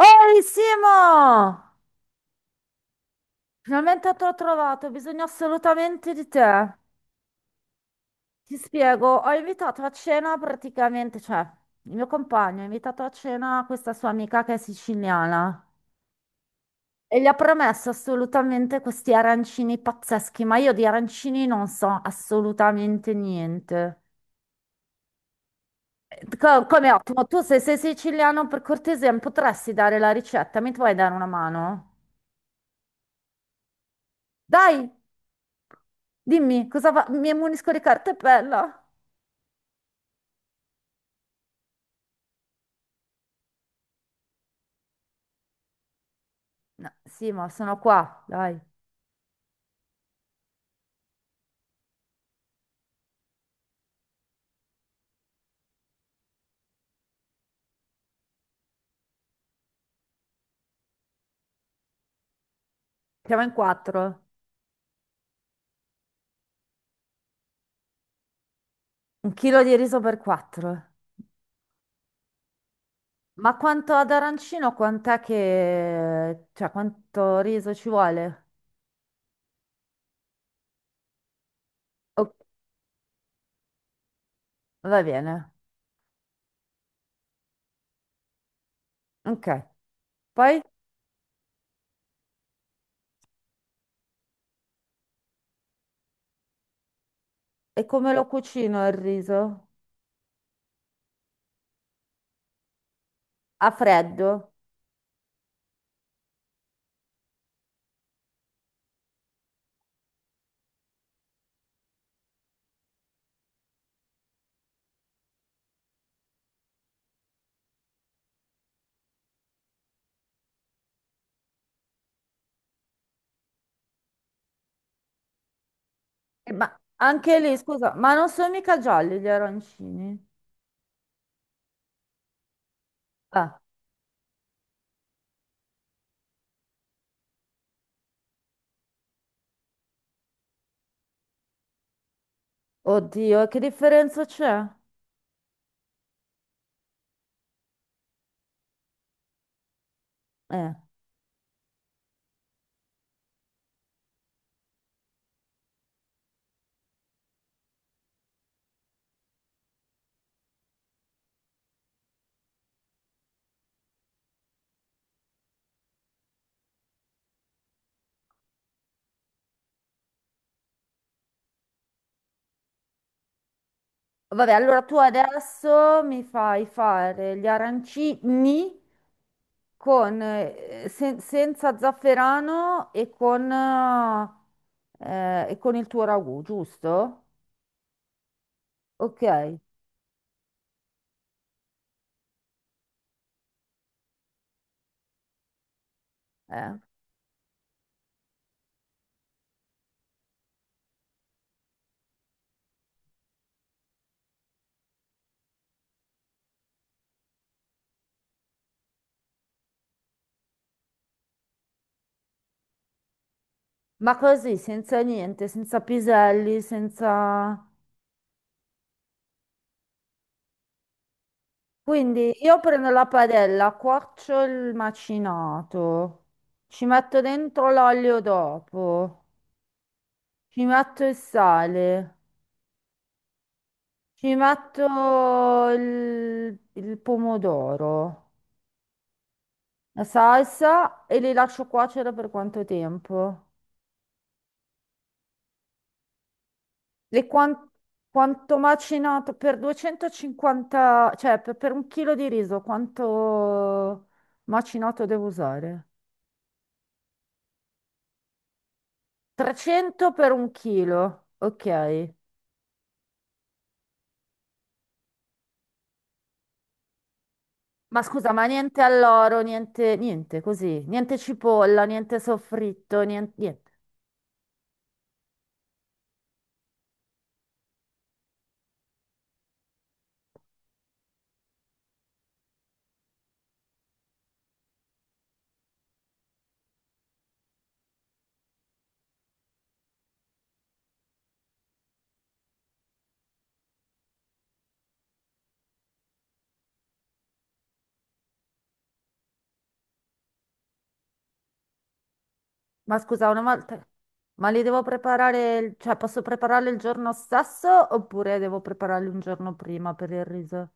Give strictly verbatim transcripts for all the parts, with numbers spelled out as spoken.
Ehi Simo! Finalmente te l'ho trovato, ho bisogno assolutamente di te. Ti spiego, ho invitato a cena praticamente, cioè, il mio compagno ha invitato a cena questa sua amica che è siciliana e gli ha promesso assolutamente questi arancini pazzeschi, ma io di arancini non so assolutamente niente. Co- Come ottimo, tu se sei siciliano, per cortesia, mi potresti dare la ricetta, mi puoi dare una mano? Dai, dimmi, cosa fa? Mi ammonisco di cartapella. No, sì, ma sono qua, dai. Siamo in quattro. Un chilo di riso per quattro. Ma quanto ad arancino, quant'è che... cioè, quanto riso ci vuole? O- Va bene. Ok. Poi, e come lo cucino il riso? A freddo? Eh, ma anche lì, scusa, ma non sono mica gialli gli arancini? Ah, oddio, che differenza c'è? Eh. Vabbè, allora tu adesso mi fai fare gli arancini con, eh, sen- senza zafferano e con, eh, e con il tuo ragù, giusto? Ok. eh. Ma così, senza niente, senza piselli, senza... Quindi io prendo la padella, cuocio il macinato, ci metto dentro l'olio dopo, ci metto il sale, ci metto il il pomodoro. La salsa e li lascio cuocere per quanto tempo? Le quan- Quanto macinato per duecentocinquanta, cioè per, per un chilo di riso, quanto macinato devo usare? trecento per un chilo, ok. Ma scusa, ma niente alloro, niente, niente così, niente cipolla, niente soffritto, nien- niente. Ma scusa, una volta, ma li devo preparare, il- cioè posso prepararli il giorno stesso oppure devo prepararli un giorno prima per il riso?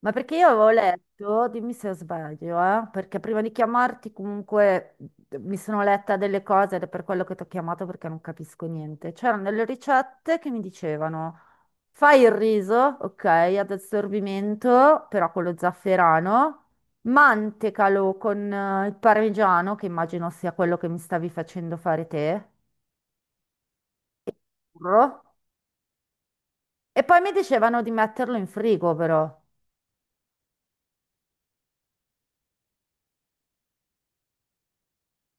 Ma perché io avevo letto, dimmi se sbaglio, eh, perché prima di chiamarti comunque mhmm, mi sono letta delle cose ed è per quello che ti ho chiamato perché non capisco niente. C'erano delle ricette che mi dicevano fai il riso, ok, ad assorbimento, però con lo zafferano, mantecalo con eh, il parmigiano, che immagino sia quello che mi stavi facendo fare te, e burro. E poi mi dicevano di metterlo in frigo però.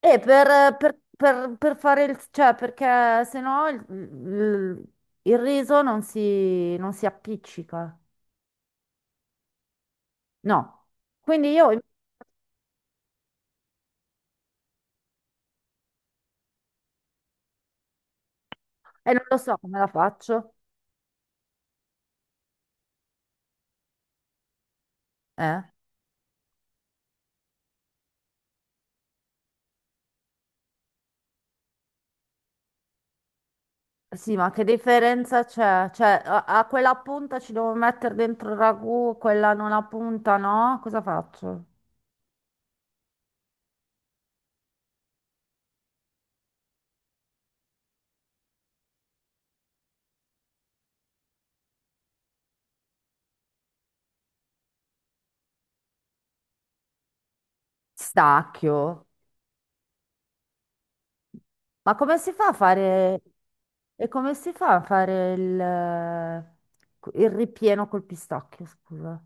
E per, per- per- per fare il, cioè, perché sennò il, il- il riso non si, non si, appiccica. No. Quindi io, e non lo so come la faccio. Eh? Sì, ma che differenza c'è? Cioè, a, a quella punta ci devo mettere dentro il ragù, quella non ha punta, no? Cosa faccio? Stacchio. Ma come si fa a fare... E come si fa a fare il, il ripieno col pistacchio, scusa?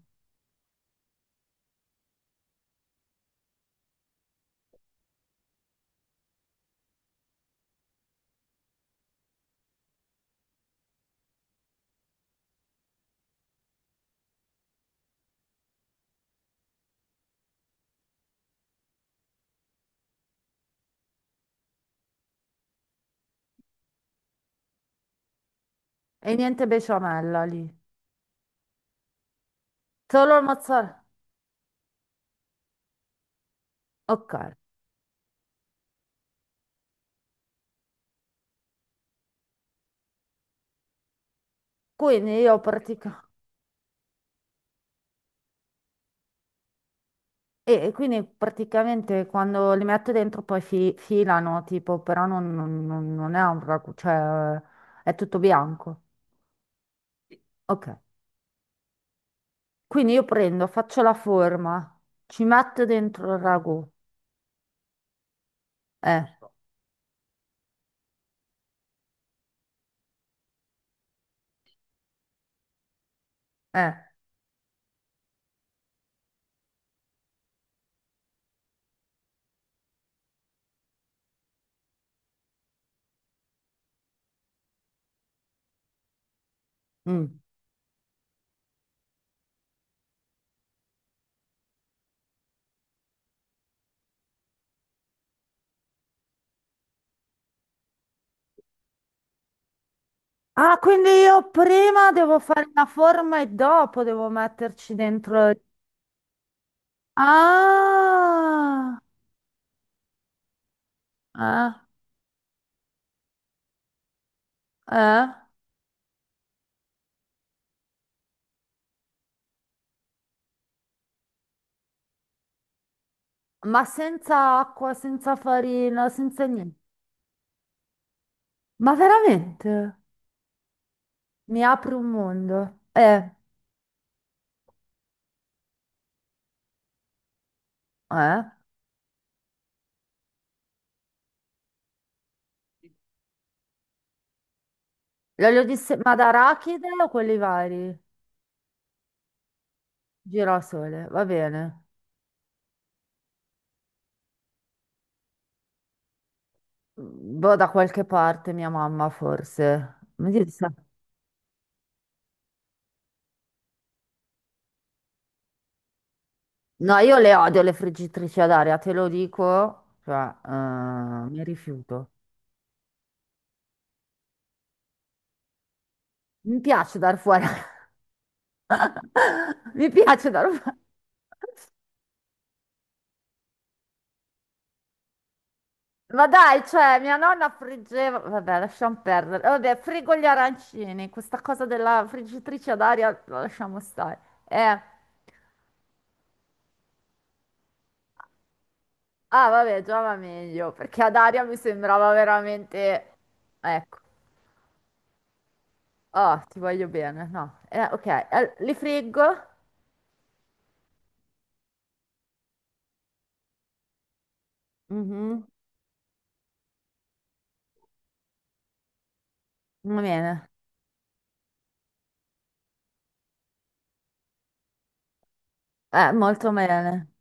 E niente besciamella lì, solo il mozzarella. Ok, quindi io pratica... E e quindi praticamente quando li metto dentro poi fi- filano, tipo, però non, non- non- non è un ragù, cioè è tutto bianco. Ok, quindi io prendo, faccio la forma, ci metto dentro il ragù. Eh, eh, mm. Ah, quindi io prima devo fare la forma e dopo devo metterci dentro... il- Ah, eh, eh. Ma senza acqua, senza farina, senza niente. Ma veramente? Mi apre un mondo. Eh, eh. L'olio di se- Ma d'arachide o quelli vari? Girasole, va bene. Boh, da qualche parte, mia mamma forse. Mi dice- No, io le odio le friggitrici ad aria, te lo dico. Cioè, eh, mi rifiuto. Mi piace dar fuori. Mi piace dar fuori. Ma dai, cioè, mia nonna friggeva, vabbè, lasciamo perdere. Eh, Vabbè, frigo gli arancini, questa cosa della friggitrice ad aria la lasciamo stare. Eh, ah, vabbè, già va meglio, perché ad aria mi sembrava veramente... Ecco, oh, ti voglio bene, no. Eh, ok, eh, li friggo? Mhm, va bene, eh, molto bene.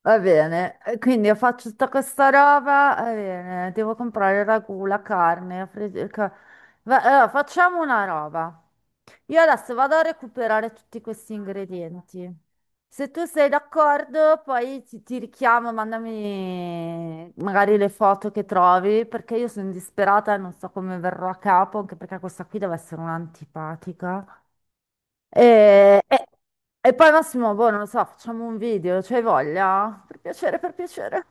Va bene, e quindi io faccio tutta questa roba, va bene, devo comprare il ragù, la carne, la fri- il ca- Va- allora, facciamo una roba. Io adesso vado a recuperare tutti questi ingredienti. Se tu sei d'accordo, poi ti, ti richiamo, mandami magari le foto che trovi, perché io sono disperata e non so come verrò a capo, anche perché questa qui deve essere un'antipatica. E, e- e poi Massimo, boh, non lo so, facciamo un video, c'hai voglia? Per piacere, per piacere.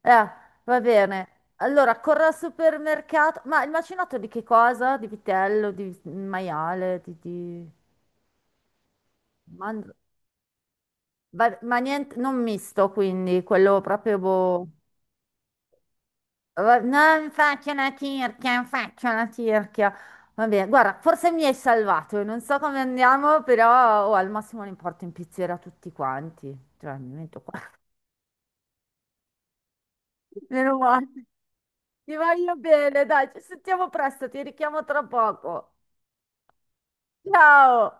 Eh, Va bene. Allora, corro al supermercato. Ma il macinato di che cosa? Di vitello, di maiale, di... di- man- va- Ma, niente, non misto, quindi, quello proprio boh. Va- Non faccio la tirchia, faccio la tirchia. Va bene, guarda, forse mi hai salvato, io non so come andiamo, però oh, al massimo li porto in pizzeria tutti quanti. Cioè, mi metto qua. Meno male. Ti voglio bene, dai, ci sentiamo presto, ti richiamo tra poco. Ciao!